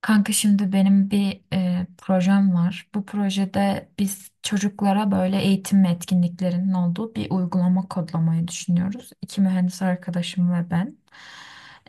Kanka şimdi benim bir projem var. Bu projede biz çocuklara böyle eğitim ve etkinliklerinin olduğu bir uygulama kodlamayı düşünüyoruz. İki mühendis arkadaşım ve ben.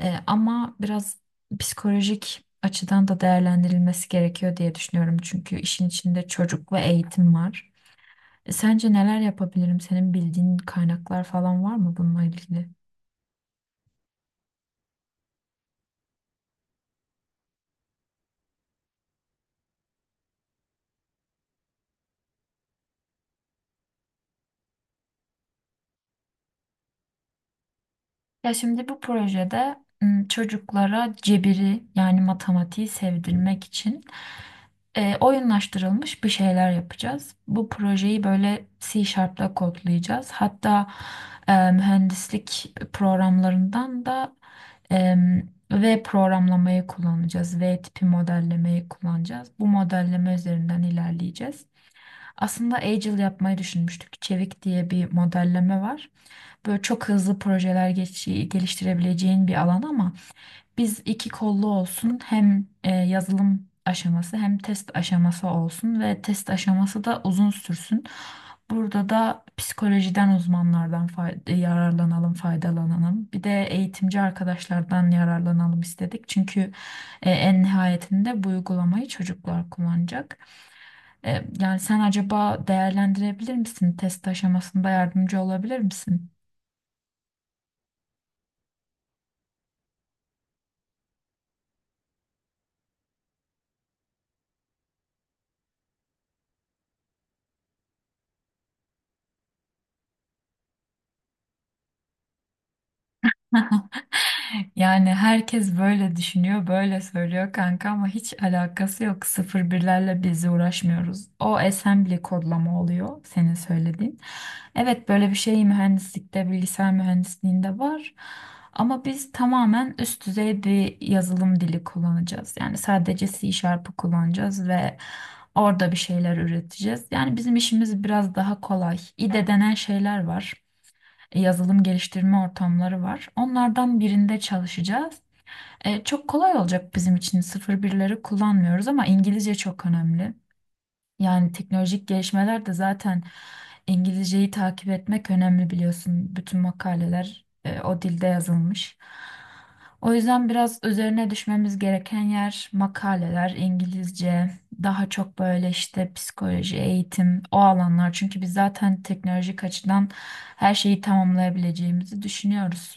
Ama biraz psikolojik açıdan da değerlendirilmesi gerekiyor diye düşünüyorum. Çünkü işin içinde çocuk ve eğitim var. Sence neler yapabilirim? Senin bildiğin kaynaklar falan var mı bununla ilgili? Ya şimdi bu projede çocuklara cebiri yani matematiği sevdirmek için oyunlaştırılmış bir şeyler yapacağız. Bu projeyi böyle C Sharp'la kodlayacağız. Hatta mühendislik programlarından da e, V programlamayı kullanacağız. V tipi modellemeyi kullanacağız. Bu modelleme üzerinden ilerleyeceğiz. Aslında Agile yapmayı düşünmüştük. Çevik diye bir modelleme var. Böyle çok hızlı projeler geliştirebileceğin bir alan, ama biz iki kollu olsun, hem yazılım aşaması hem test aşaması olsun ve test aşaması da uzun sürsün. Burada da psikolojiden uzmanlardan faydalanalım. Bir de eğitimci arkadaşlardan yararlanalım istedik. Çünkü en nihayetinde bu uygulamayı çocuklar kullanacak. Yani sen acaba değerlendirebilir misin? Test aşamasında yardımcı olabilir misin? Yani herkes böyle düşünüyor, böyle söylüyor kanka ama hiç alakası yok. Sıfır birlerle biz uğraşmıyoruz. O assembly kodlama oluyor senin söylediğin. Evet, böyle bir şey mühendislikte, bilgisayar mühendisliğinde var. Ama biz tamamen üst düzey bir yazılım dili kullanacağız. Yani sadece C Sharp'ı kullanacağız ve orada bir şeyler üreteceğiz. Yani bizim işimiz biraz daha kolay. İde denen şeyler var. Yazılım geliştirme ortamları var. Onlardan birinde çalışacağız. Çok kolay olacak bizim için. Sıfır birleri kullanmıyoruz ama İngilizce çok önemli. Yani teknolojik gelişmeler de zaten İngilizceyi takip etmek önemli, biliyorsun. Bütün makaleler o dilde yazılmış. O yüzden biraz üzerine düşmemiz gereken yer makaleler, İngilizce, daha çok böyle işte psikoloji, eğitim, o alanlar. Çünkü biz zaten teknolojik açıdan her şeyi tamamlayabileceğimizi düşünüyoruz.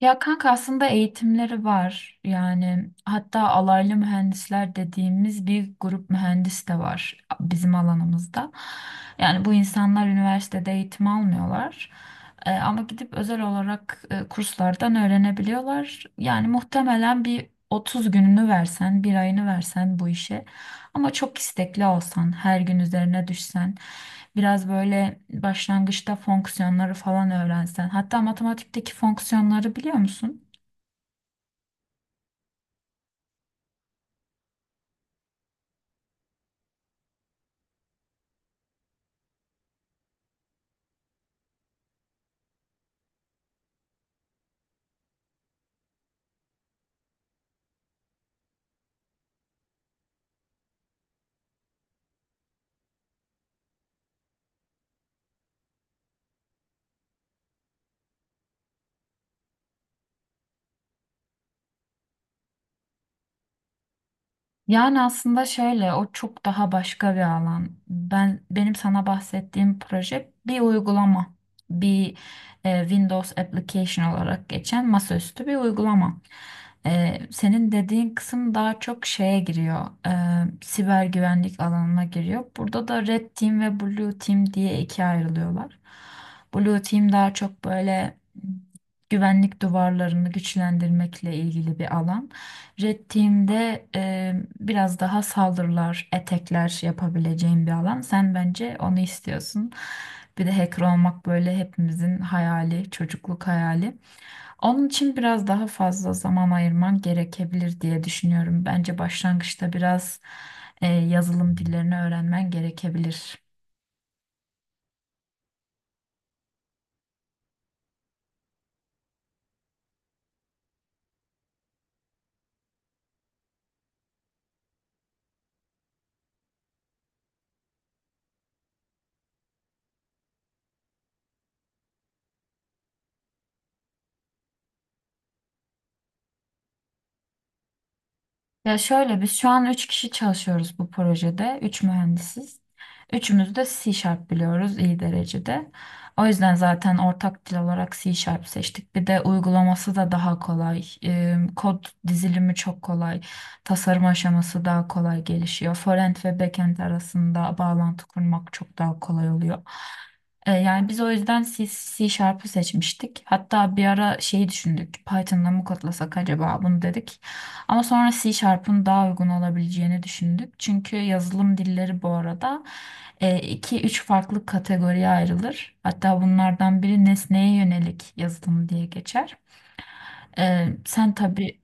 Ya kanka, aslında eğitimleri var. Yani hatta alaylı mühendisler dediğimiz bir grup mühendis de var bizim alanımızda. Yani bu insanlar üniversitede eğitim almıyorlar. Ama gidip özel olarak kurslardan öğrenebiliyorlar. Yani muhtemelen bir 30 gününü versen, bir ayını versen bu işe, ama çok istekli olsan, her gün üzerine düşsen, biraz böyle başlangıçta fonksiyonları falan öğrensen, hatta matematikteki fonksiyonları biliyor musun? Yani aslında şöyle, o çok daha başka bir alan. Benim sana bahsettiğim proje bir uygulama. Bir Windows application olarak geçen masaüstü bir uygulama. Senin dediğin kısım daha çok şeye giriyor. Siber güvenlik alanına giriyor. Burada da Red Team ve Blue Team diye ikiye ayrılıyorlar. Blue Team daha çok böyle güvenlik duvarlarını güçlendirmekle ilgili bir alan. Red e, biraz daha saldırılar, etekler yapabileceğin bir alan. Sen bence onu istiyorsun. Bir de hacker olmak böyle hepimizin hayali, çocukluk hayali. Onun için biraz daha fazla zaman ayırman gerekebilir diye düşünüyorum. Bence başlangıçta biraz yazılım dillerini öğrenmen gerekebilir. Ya şöyle, biz şu an 3 kişi çalışıyoruz bu projede. Üç mühendisiz. Üçümüz de C Sharp biliyoruz iyi derecede. O yüzden zaten ortak dil olarak C Sharp seçtik. Bir de uygulaması da daha kolay. Kod dizilimi çok kolay. Tasarım aşaması daha kolay gelişiyor. Frontend ve backend arasında bağlantı kurmak çok daha kolay oluyor. Yani biz o yüzden C Sharp'ı seçmiştik. Hatta bir ara şeyi düşündük. Python'la mı kodlasak acaba bunu, dedik. Ama sonra C Sharp'ın daha uygun olabileceğini düşündük. Çünkü yazılım dilleri bu arada iki üç farklı kategoriye ayrılır. Hatta bunlardan biri nesneye yönelik yazılım diye geçer. Sen tabii.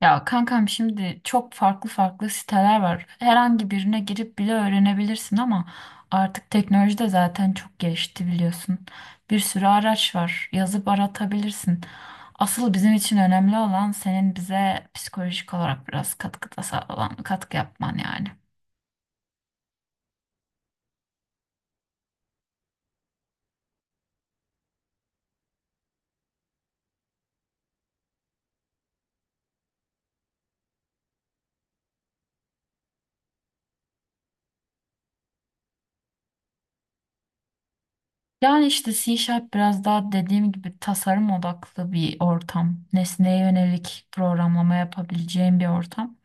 Ya kankam, şimdi çok farklı farklı siteler var. Herhangi birine girip bile öğrenebilirsin, ama artık teknoloji de zaten çok gelişti, biliyorsun. Bir sürü araç var. Yazıp aratabilirsin. Asıl bizim için önemli olan, senin bize psikolojik olarak biraz katkı yapman yani. Yani işte C Sharp biraz daha dediğim gibi tasarım odaklı bir ortam. Nesneye yönelik programlama yapabileceğin bir ortam.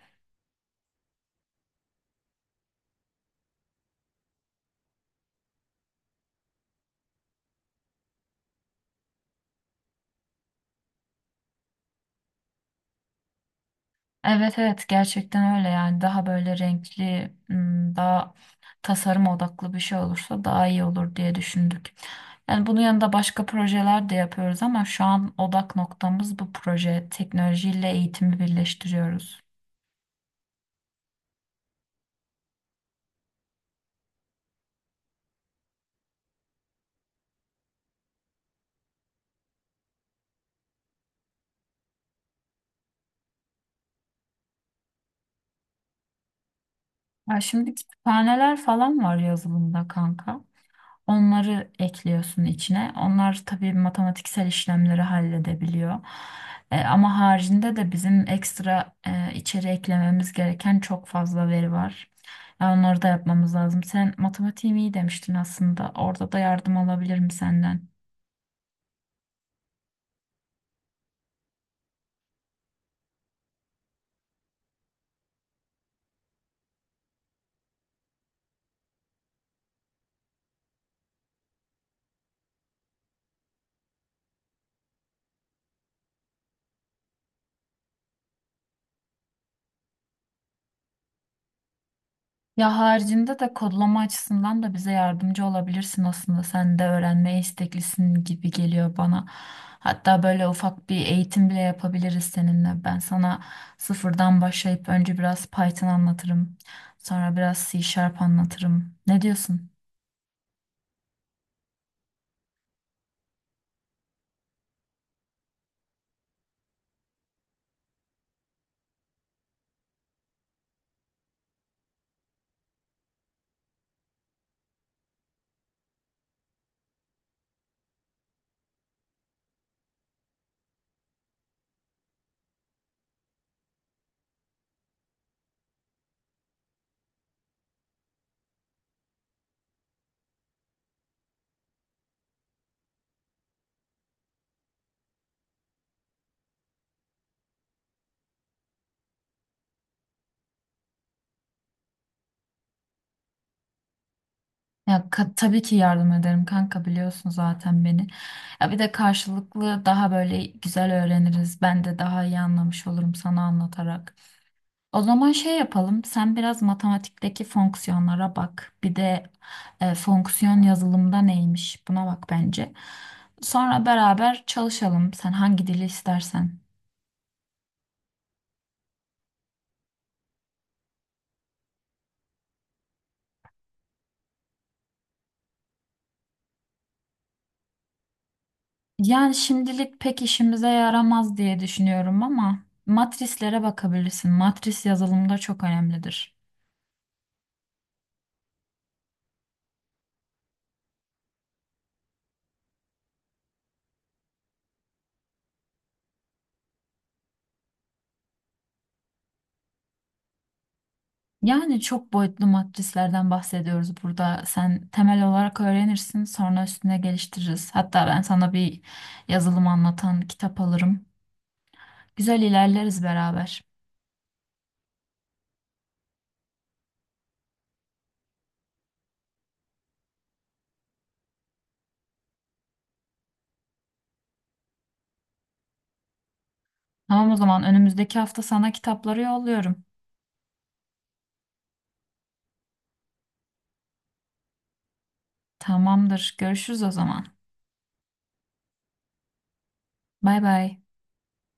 Evet, evet, gerçekten öyle. Yani daha böyle renkli, daha tasarım odaklı bir şey olursa daha iyi olur diye düşündük. Yani bunun yanında başka projeler de yapıyoruz ama şu an odak noktamız bu proje. Teknolojiyle eğitimi birleştiriyoruz. Ya şimdi kütüphaneler falan var yazılımda kanka. Onları ekliyorsun içine. Onlar tabii matematiksel işlemleri halledebiliyor. Ama haricinde de bizim ekstra içeri eklememiz gereken çok fazla veri var. Onları da yapmamız lazım. Sen matematiğim iyi demiştin aslında. Orada da yardım alabilirim senden. Ya haricinde de kodlama açısından da bize yardımcı olabilirsin aslında. Sen de öğrenmeye isteklisin gibi geliyor bana. Hatta böyle ufak bir eğitim bile yapabiliriz seninle. Ben sana sıfırdan başlayıp önce biraz Python anlatırım. Sonra biraz C Sharp anlatırım. Ne diyorsun? Tabii ki yardım ederim kanka, biliyorsun zaten beni. Ya bir de karşılıklı daha böyle güzel öğreniriz. Ben de daha iyi anlamış olurum sana anlatarak. O zaman şey yapalım. Sen biraz matematikteki fonksiyonlara bak. Bir de fonksiyon yazılımda neymiş, buna bak bence. Sonra beraber çalışalım. Sen hangi dili istersen. Yani şimdilik pek işimize yaramaz diye düşünüyorum, ama matrislere bakabilirsin. Matris yazılımda çok önemlidir. Yani çok boyutlu matrislerden bahsediyoruz burada. Sen temel olarak öğrenirsin, sonra üstüne geliştiririz. Hatta ben sana bir yazılım anlatan kitap alırım. Güzel ilerleriz beraber. Tamam, o zaman önümüzdeki hafta sana kitapları yolluyorum. Tamamdır. Görüşürüz o zaman. Bay bay.